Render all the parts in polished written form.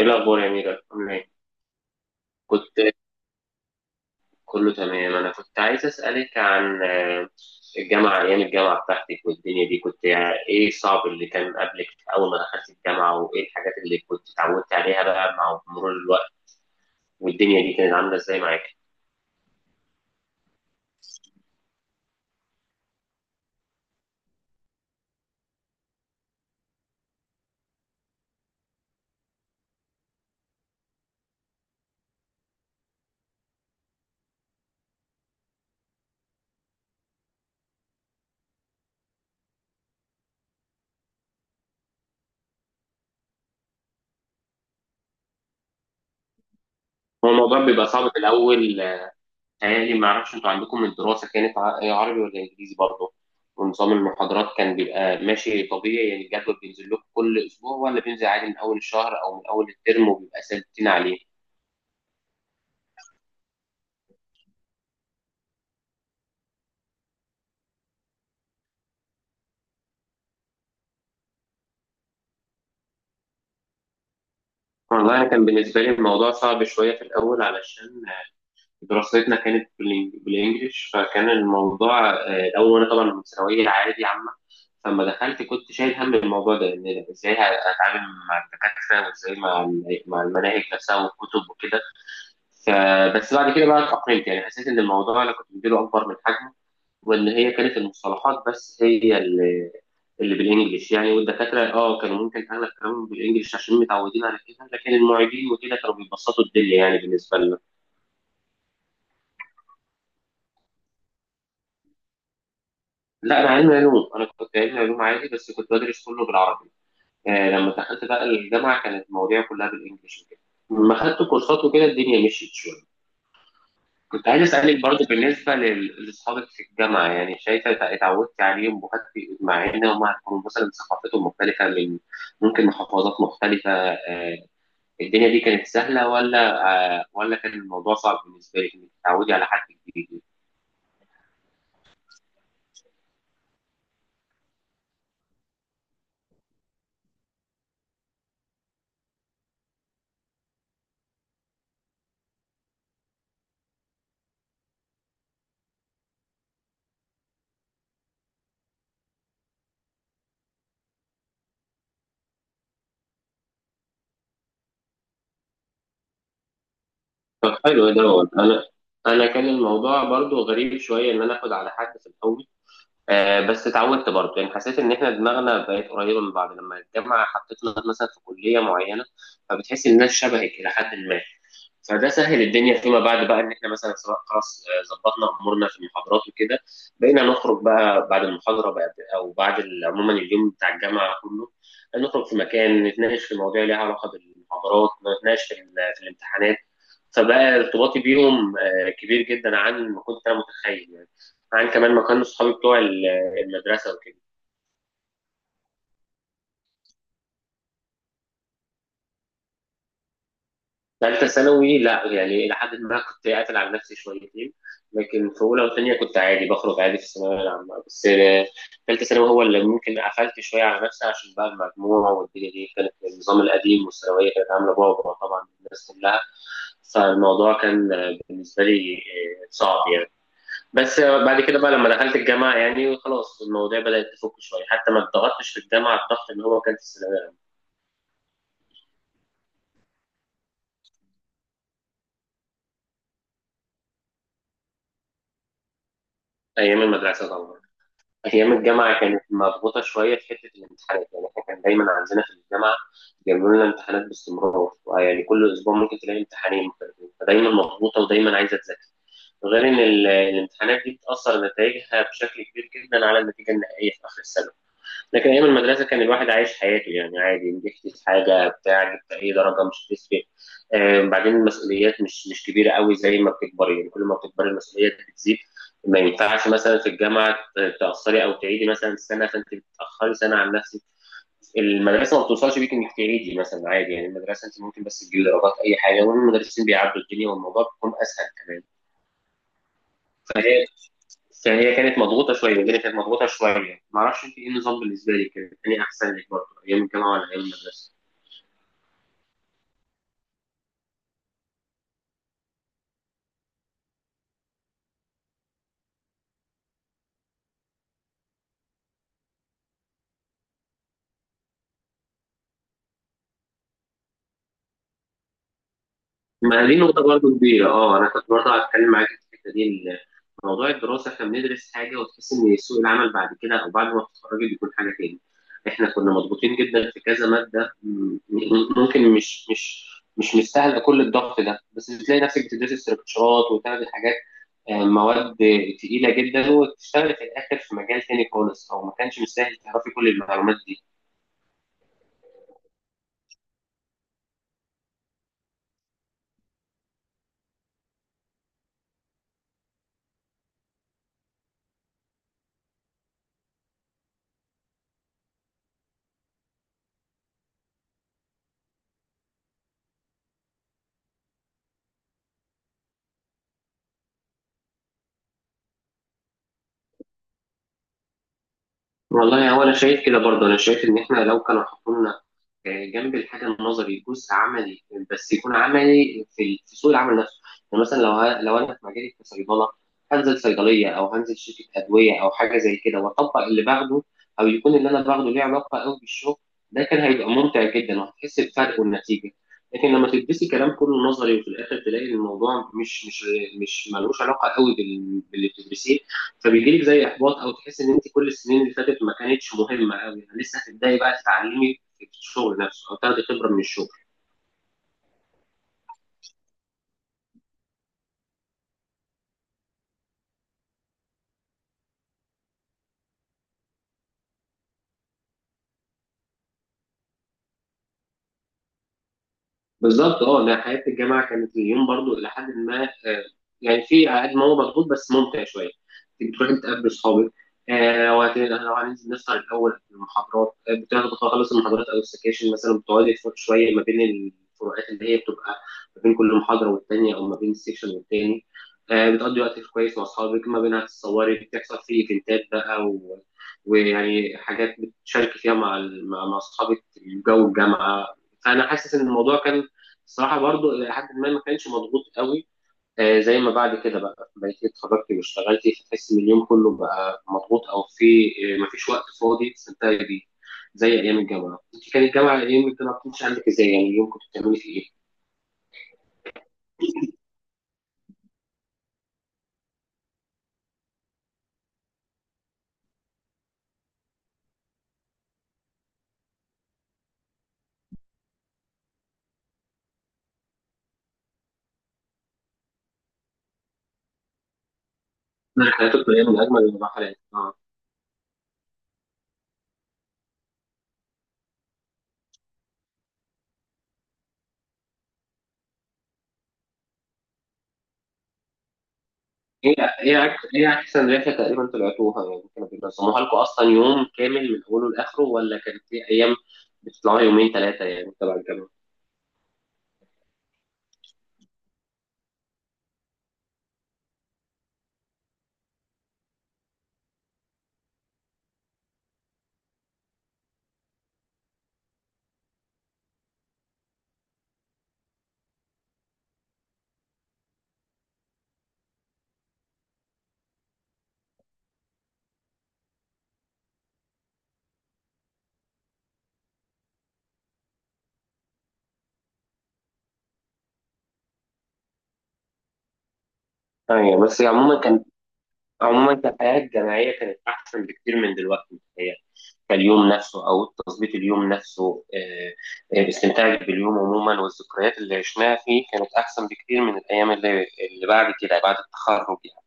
ايه الاخبار يا ميرا، عامله ايه؟ كنت كله تمام. انا كنت عايز اسالك عن الجامعه، ايام الجامعه بتاعتك والدنيا دي، كنت يعني ايه الصعب اللي كان قبلك اول ما دخلت الجامعه، وايه الحاجات اللي كنت اتعودت عليها بقى مع مرور الوقت، والدنيا دي كانت عامله ازاي معاك؟ هو الموضوع بيبقى صعب في الأول، تهيألي. ما أعرفش أنتوا عندكم الدراسة كانت ع- إيه، عربي ولا إنجليزي برضه؟ ونظام المحاضرات كان بيبقى ماشي طبيعي، يعني الجدول بينزل لكم كل أسبوع ولا بينزل عادي من أول الشهر أو من أول الترم وبيبقى ثابتين عليه؟ والله أنا كان بالنسبة لي الموضوع صعب شوية في الأول، علشان دراستنا كانت بالانجلش، فكان الموضوع الاول، وانا طبعا من ثانويه عادي عامه، فلما دخلت كنت شايل هم الموضوع ده، ان ازاي هتعامل مع الدكاتره، وازاي مع المناهج نفسها والكتب وكده. فبس بعد كده بقى اتأقلمت، يعني حسيت ان الموضوع انا كنت مديله اكبر من حجمه، وان هي كانت المصطلحات بس هي اللي بالانجلش يعني، والدكاتره كانوا ممكن اغلب كلامهم بالانجلش عشان متعودين على كده، لكن المعيدين وكده كانوا بيبسطوا الدنيا يعني بالنسبه. لا انا كنت علمي علوم عادي، بس كنت بدرس كله بالعربي. لما دخلت بقى الجامعه، كانت المواضيع كلها بالانجلش وكده. لما خدت كورسات وكده الدنيا مشيت شويه. كنت عايز اسالك برضه بالنسبه لاصحابك في الجامعه، يعني شايفه اتعودت عليهم وخدت، مع ان هم هيكونوا مثلا ثقافتهم مختلفه، من ممكن محافظات مختلفه، الدنيا دي كانت سهله ولا ولا كان الموضوع صعب بالنسبه لك انك تتعودي على حد جديد؟ طب حلو ده هو. انا كان الموضوع برضو غريب شويه، ان انا اخد على حد في الاول، بس اتعودت برضو، يعني حسيت ان احنا دماغنا بقت قريبه من بعض لما الجامعه حطتنا مثلا في كليه معينه، فبتحس ان الناس شبهك الى حد ما. فده سهل الدنيا فيما بعد بقى، ان احنا مثلا سواء خلاص ظبطنا امورنا في المحاضرات وكده، بقينا نخرج بقى بعد المحاضره بقى، او بعد عموما اليوم بتاع الجامعه كله، نخرج في مكان نتناقش في مواضيع ليها علاقه بالمحاضرات، نتناقش في الامتحانات. فبقى ارتباطي بيهم كبير جدا عن ما كنت انا متخيل، يعني عن كمان ما كانوا صحابي بتوع المدرسه وكده. ثالثه ثانوي لا، يعني الى حد ما كنت قاتل على نفسي شويتين، لكن في اولى وثانيه كنت عادي، بخرج عادي في الثانويه العامه بس. ثالثه ثانوي هو اللي ممكن قفلت شويه على نفسي، عشان بقى المجموع والدنيا دي كانت النظام القديم، والثانويه كانت عامله بعبع طبعا الناس كلها، فالموضوع كان بالنسبه لي صعب يعني. بس بعد كده بقى لما دخلت الجامعة، يعني خلاص المواضيع بدأت تفك شوية، حتى ما اتضغطتش في الجامعة الضغط اللي هو كان في الثانوية. أيام المدرسة طبعا. أيام الجامعة كانت مضغوطة شوية في حتة الامتحانات، يعني إحنا كان دايما عندنا في الجامعة بيعملوا لنا امتحانات باستمرار، يعني كل أسبوع ممكن تلاقي امتحانين مختلفين، فدايما مضغوطة ودايما عايزة تذاكر، غير إن الامتحانات دي بتأثر نتائجها بشكل كبير جدا على النتيجة النهائية في آخر السنة. لكن ايام المدرسه كان الواحد عايش حياته يعني عادي، نجحت في حاجه بتاع، جبت اي درجه مش هتفرق. بعدين المسؤوليات مش كبيره قوي، زي ما بتكبري، يعني كل ما بتكبري المسؤوليات بتزيد. ما ينفعش مثلا في الجامعه تاثري او تعيدي مثلا سنه، فانت بتاخري سنه عن نفسك. المدرسه ما بتوصلش بيك انك تعيدي مثلا، عادي يعني المدرسه انت ممكن بس تجيبي درجات اي حاجه، والمدرسين بيعدوا الدنيا والموضوع بيكون اسهل كمان. فهي بس يعني هي كانت مضغوطة شوية، الدنيا كانت مضغوطة شوية. معرفش انت ايه النظام بالنسبة لك، كان ايه احسن لك برضه، ايام الجامعة ولا ايام المدرسة؟ ما دي نقطة برضه كبيرة. اه انا كنت برضه هتكلم معاك في الحتة دي، إن موضوع الدراسة احنا بندرس حاجة، وتحس ان سوق العمل بعد كده، او بعد ما تتخرجي، بيكون حاجة تاني. احنا كنا مضغوطين جدا في كذا مادة، ممكن مش مستاهلة كل الضغط ده، بس بتلاقي نفسك بتدرسي استراكشرات وتاخدي حاجات، مواد تقيلة جدا، وتشتغلي في الآخر في مجال تاني خالص، أو ما كانش مستاهل تعرفي كل المعلومات دي. والله هو انا شايف كده برضه، انا شايف ان احنا لو كانوا حطوا لنا جنب الحاجه النظري جزء عملي، بس يكون عملي في في سوق العمل نفسه، يعني مثلا لو لو انا في مجالي كصيدله، هنزل صيدليه او هنزل شركه ادويه او حاجه زي كده، واطبق اللي باخده، او يكون اللي انا باخده ليه علاقه قوي بالشغل. ده كان هيبقى ممتع جدا، وهتحس بفرق والنتيجه. لكن لما تدرسي كلام كله نظري، وفي الاخر تلاقي الموضوع مش ملوش علاقه قوي باللي بتدرسيه، فبيجي لك زي احباط، او تحس ان انت كل السنين اللي فاتت ما كانتش مهمه قوي، يعني لسه هتبداي بقى تتعلمي في الشغل نفسه، او تاخدي خبره من الشغل. بالظبط. اه انا حياه الجامعه كانت اليوم برضو الى حد ما، يعني في قد ما هو مضغوط بس ممتع شويه، انت بتروح تقابل اصحابك. لو هننزل نسهر الاول في المحاضرات، بتاخد خلاص المحاضرات او السكاشن مثلا، بتقعدي تفوت شويه ما بين الفروقات اللي هي بتبقى ما بين كل محاضره والتانيه، او ما بين السكشن والتاني. بتقضي وقت كويس مع اصحابك، ما بينها تتصوري بتحصل في ايفنتات بقى، و... ويعني حاجات بتشاركي فيها مع اصحابك في جو الجامعه، فانا حاسس ان الموضوع كان، الصراحه برضو الى حد ما ما كانش مضغوط قوي، زي ما بعد كده بقى بقيت اتخرجت واشتغلت، فتحس ان اليوم كله بقى مضغوط، او في ما فيش وقت فاضي تستمتعي بيه زي ايام الجامعه. انت كان ايام الجامعه كنت عندك ازاي يعني، اليوم كنت بتعملي فيه ايه؟ انا حياتي كليه من اجمل المراحل. اه ايه، ايه احسن رحله تقريبا طلعتوها يعني؟ كانوا بينظموها لكم اصلا يوم كامل من اوله لاخره، ولا كانت في ايام بتطلعوا يومين ثلاثه يعني تبع الجامعه؟ ايوه بس عموما كالحياة الجامعية كانت أحسن بكتير من دلوقتي متهيألي، كاليوم نفسه أو تظبيط اليوم نفسه، استمتاعك باليوم عموما والذكريات اللي عشناها فيه كانت أحسن بكتير من الأيام اللي بعد كده، بعد التخرج يعني.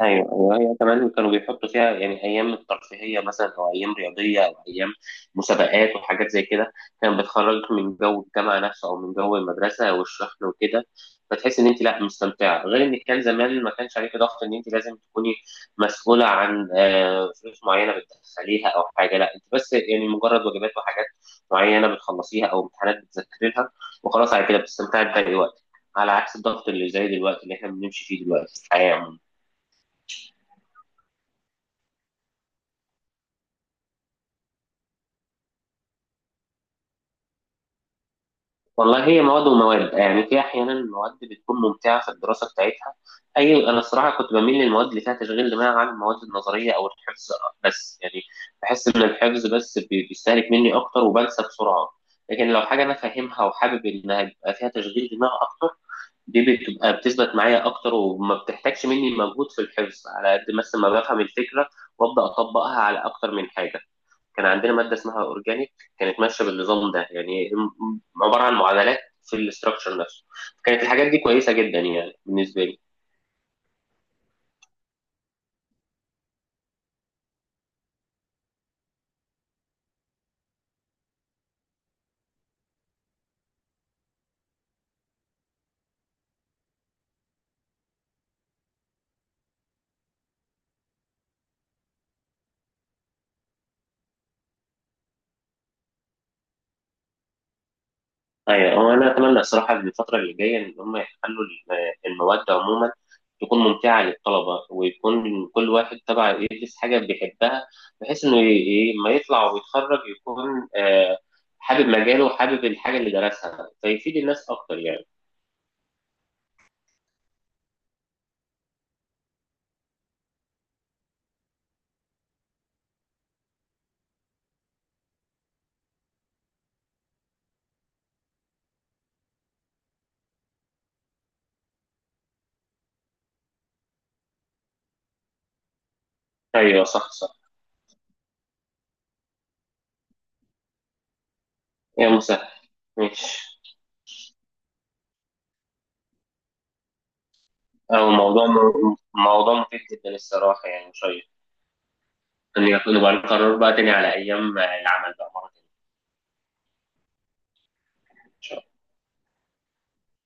ايوه، ايوه، هي كمان كانوا بيحطوا فيها، يعني ايام الترفيهيه مثلا، او ايام رياضيه، او ايام مسابقات وحاجات زي كده، كانت بتخرجك من جو الجامعه نفسه، او من جو المدرسه والشحن وكده، فتحس ان انت لا مستمتعه، غير ان كان زمان ما كانش عليك ضغط ان انت لازم تكوني مسؤوله عن فلوس معينه بتدخليها او حاجه. لا انت بس يعني مجرد واجبات وحاجات معينه بتخلصيها، او امتحانات بتذاكري لها، وخلاص على كده بتستمتعي بباقي وقتك، على عكس الضغط اللي زي دلوقتي اللي احنا بنمشي فيه دلوقتي في الحياه عموما. والله هي مواد ومواد يعني، في احيانا مواد بتكون ممتعه في الدراسه بتاعتها، اي انا الصراحه كنت بميل للمواد اللي فيها تشغيل دماغ عن المواد النظريه او الحفظ، بس يعني بحس ان الحفظ بس بيستهلك مني اكتر وبنسى بسرعه، لكن لو حاجه انا فاهمها وحابب انها يبقى فيها تشغيل دماغ اكتر، دي بتبقى بتثبت معايا اكتر، وما بتحتاجش مني مجهود في الحفظ، على قد مثلا ما بفهم الفكره وابدا اطبقها على اكتر من حاجه. كان عندنا ماده اسمها اورجانيك، كانت ماشيه بالنظام ده يعني، عباره عن معادلات في الاستراكشر نفسه، كانت الحاجات دي كويسه جدا يعني بالنسبه لي. ايوه، هو انا اتمنى الصراحه إن الفتره اللي جايه ان هم يخلوا المواد عموما تكون ممتعه للطلبه، ويكون كل واحد تبع يدرس حاجه بيحبها، بحيث انه لما يطلع ويتخرج يكون حابب مجاله وحابب الحاجه اللي درسها، فيفيد الناس اكتر يعني. ايوه، صح، صح. يا مسهل. ماشي. هو موضوع مفيد جدا الصراحة يعني، شيق. إن يكون يبقى نقرر بقى تاني على أيام العمل بقى مرة تانية. إن شاء الله.